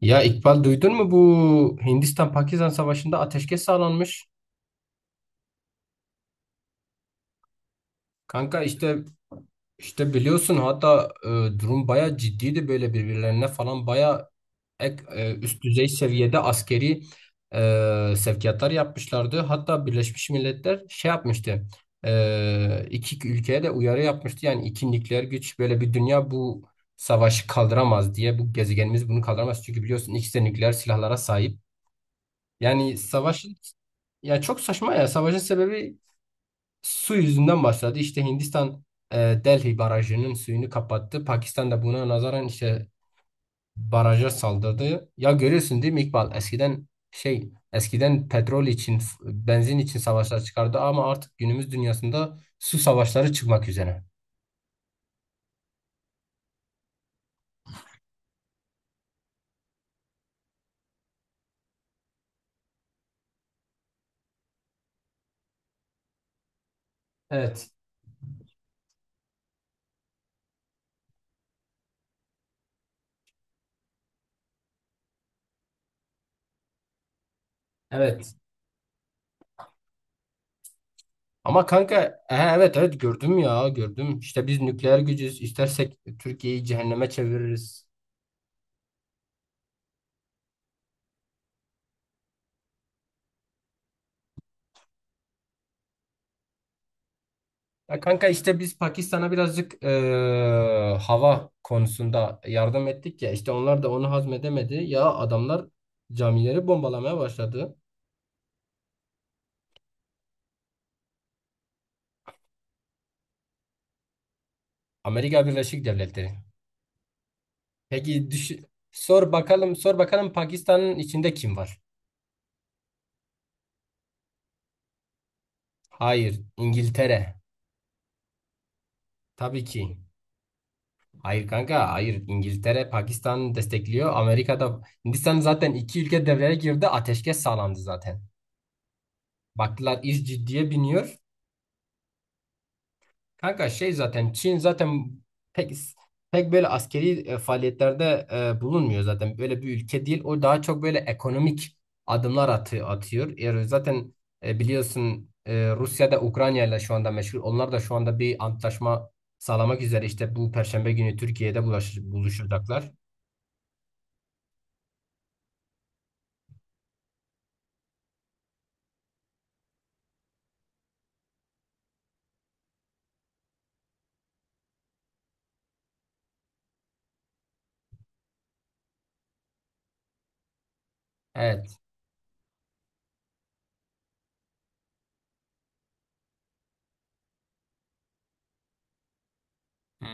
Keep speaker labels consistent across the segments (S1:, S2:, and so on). S1: Ya İkbal duydun mu bu Hindistan-Pakistan savaşında ateşkes sağlanmış. Kanka işte biliyorsun hatta durum baya ciddiydi böyle birbirlerine falan baya üst düzey seviyede askeri sevkiyatlar yapmışlardı. Hatta Birleşmiş Milletler şey yapmıştı, iki ülkeye de uyarı yapmıştı. Yani iki nükleer güç, böyle bir dünya bu savaşı kaldıramaz diye, bu gezegenimiz bunu kaldıramaz. Çünkü biliyorsun ikisi de nükleer silahlara sahip. Yani savaşın Ya çok saçma ya. Savaşın sebebi su yüzünden başladı. İşte Hindistan e, Delhi barajının suyunu kapattı. Pakistan da buna nazaran işte baraja saldırdı. Ya görüyorsun değil mi İkbal? Eskiden şey, eskiden petrol için, benzin için savaşlar çıkardı, ama artık günümüz dünyasında su savaşları çıkmak üzere. Evet, evet. Ama kanka he, evet, evet, gördüm ya, gördüm. İşte biz nükleer gücüz. İstersek Türkiye'yi cehenneme çeviririz. Ya kanka, işte biz Pakistan'a birazcık hava konusunda yardım ettik ya, işte onlar da onu hazmedemedi. Ya adamlar camileri bombalamaya başladı. Amerika Birleşik Devletleri. Peki düşün, sor bakalım, sor bakalım, Pakistan'ın içinde kim var? Hayır, İngiltere. Tabii ki. Hayır kanka, hayır, İngiltere Pakistan'ı destekliyor. Amerika'da Hindistan, zaten iki ülke devreye girdi, ateşkes sağlandı zaten. Baktılar iş ciddiye biniyor. Kanka şey, zaten Çin zaten pek pek böyle askeri faaliyetlerde bulunmuyor zaten. Böyle bir ülke değil. O daha çok böyle ekonomik adımlar atıyor. Yani zaten biliyorsun, Rusya da Ukrayna ile şu anda meşgul. Onlar da şu anda bir antlaşma sağlamak üzere, işte bu Perşembe günü Türkiye'de buluşacaklar. Evet. Hı.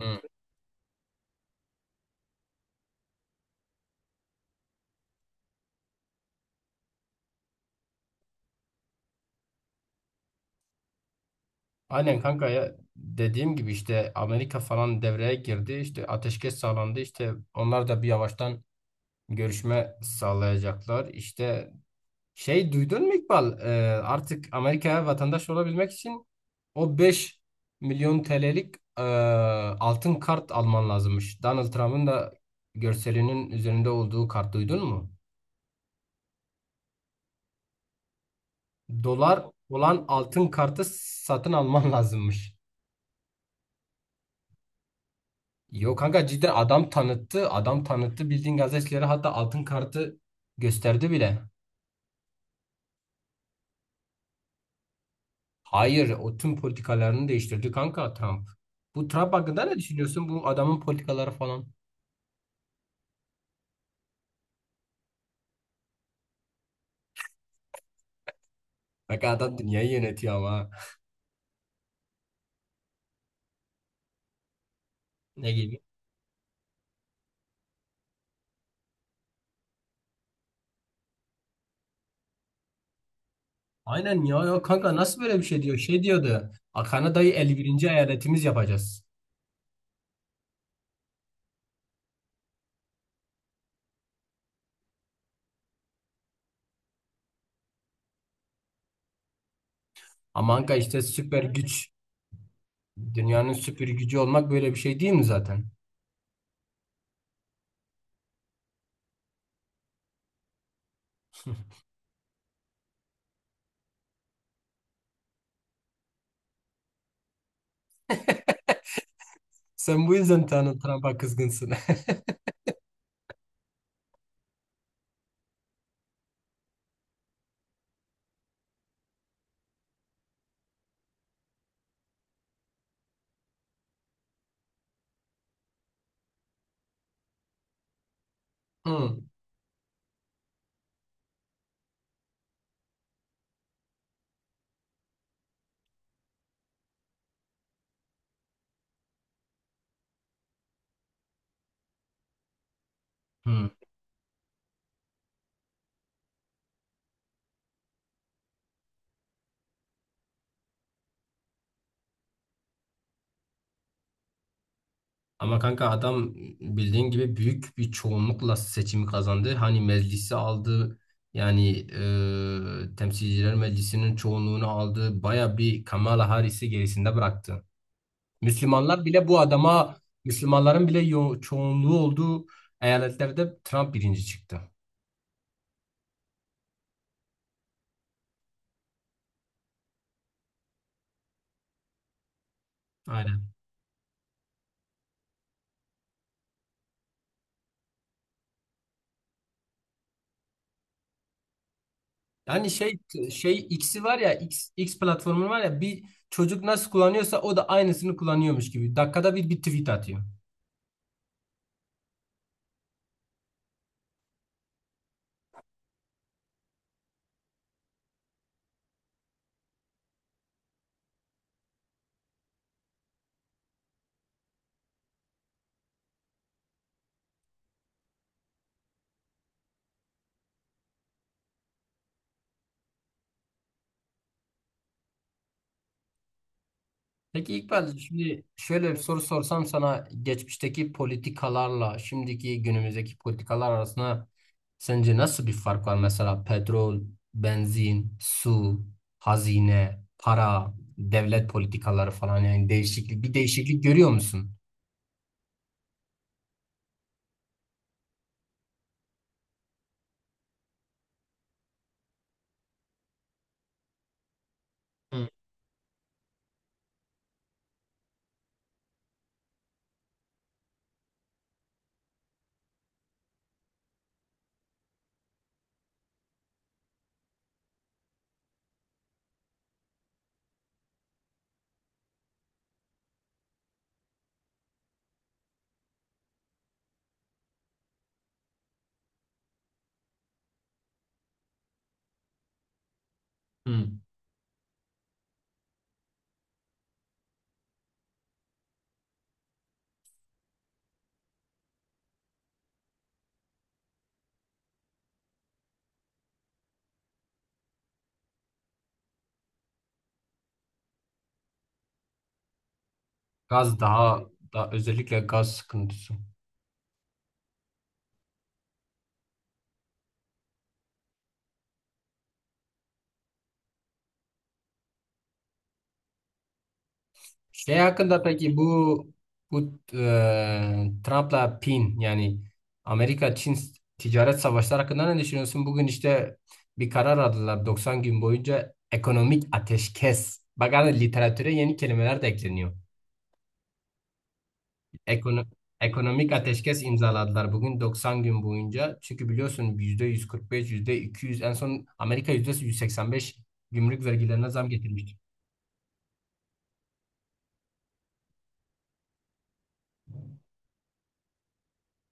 S1: Hı. Aynen kanka, ya dediğim gibi işte Amerika falan devreye girdi, işte ateşkes sağlandı, işte onlar da bir yavaştan görüşme sağlayacaklar. İşte şey, duydun mu İkbal? Artık Amerika'ya vatandaş olabilmek için o 5.000.000 TL'lik altın kart alman lazımmış, Donald Trump'ın da görselinin üzerinde olduğu kart, duydun mu? Dolar olan altın kartı satın alman lazımmış. Yok kanka, cidden adam tanıttı. Adam tanıttı, bildiğin gazetecilere hatta altın kartı gösterdi bile. Hayır, o tüm politikalarını değiştirdi kanka, Trump. Bu Trump hakkında ne düşünüyorsun? Bu adamın politikaları falan. Bak adam dünyayı yönetiyor ama. Ne gibi? Aynen ya, ya kanka, nasıl böyle bir şey diyor? Şey diyordu, "A, Kanada'yı 51. eyaletimiz yapacağız." Ama kanka işte süper güç. Dünyanın süper gücü olmak böyle bir şey değil mi zaten? Sen bu yüzden Donald Trump'a kızgınsın. Hı. Hı. Ama kanka, adam bildiğin gibi büyük bir çoğunlukla seçimi kazandı. Hani meclisi aldı. Yani Temsilciler Meclisi'nin çoğunluğunu aldı. Baya bir Kamala Harris'i gerisinde bıraktı. Müslümanlar bile bu adama, Müslümanların bile çoğunluğu olduğu eyaletlerde Trump birinci çıktı. Aynen. Yani şey Şey, X'i var ya, X platformu var ya, bir çocuk nasıl kullanıyorsa o da aynısını kullanıyormuş gibi. Dakikada bir tweet atıyor. Peki İkbal, şimdi şöyle bir soru sorsam sana, geçmişteki politikalarla şimdiki günümüzdeki politikalar arasında sence nasıl bir fark var? Mesela petrol, benzin, su, hazine, para, devlet politikaları falan, yani bir değişiklik görüyor musun? Hı. Hı. Gaz daha daha özellikle gaz sıkıntısı. Şey hakkında peki, bu Trump'la Pin, yani Amerika-Çin ticaret savaşları hakkında ne düşünüyorsun? Bugün işte bir karar aldılar, 90 gün boyunca ekonomik ateşkes. Bak, hani literatüre yeni kelimeler de ekleniyor. Ekono Ekonomik ateşkes imzaladılar bugün, 90 gün boyunca. Çünkü biliyorsun %145, %200, en son Amerika %185 gümrük vergilerine zam getirmişti.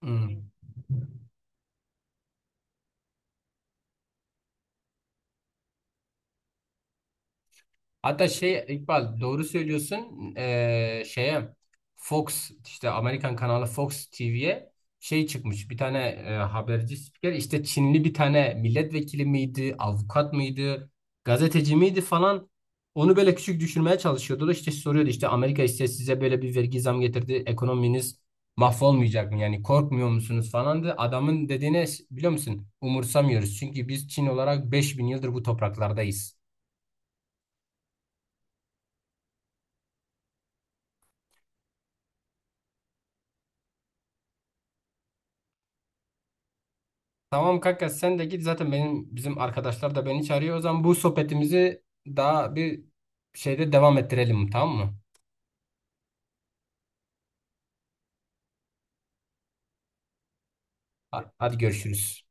S1: Hmm. Hatta şey İkbal, doğru söylüyorsun. Şeye, Fox, işte Amerikan kanalı Fox TV'ye şey çıkmış, bir tane haberci spiker, işte Çinli bir tane milletvekili miydi, avukat mıydı, gazeteci miydi falan, onu böyle küçük düşürmeye çalışıyordu da, işte soruyordu, işte Amerika işte size böyle bir vergi zam getirdi, ekonominiz mahvolmayacak mı, yani korkmuyor musunuz falandı. Adamın dediğine biliyor musun, umursamıyoruz çünkü biz Çin olarak 5.000 yıldır bu topraklardayız. Tamam kanka, sen de git, zaten benim, bizim arkadaşlar da beni çağırıyor. O zaman bu sohbetimizi daha bir şeyde devam ettirelim, tamam mı? Hadi görüşürüz.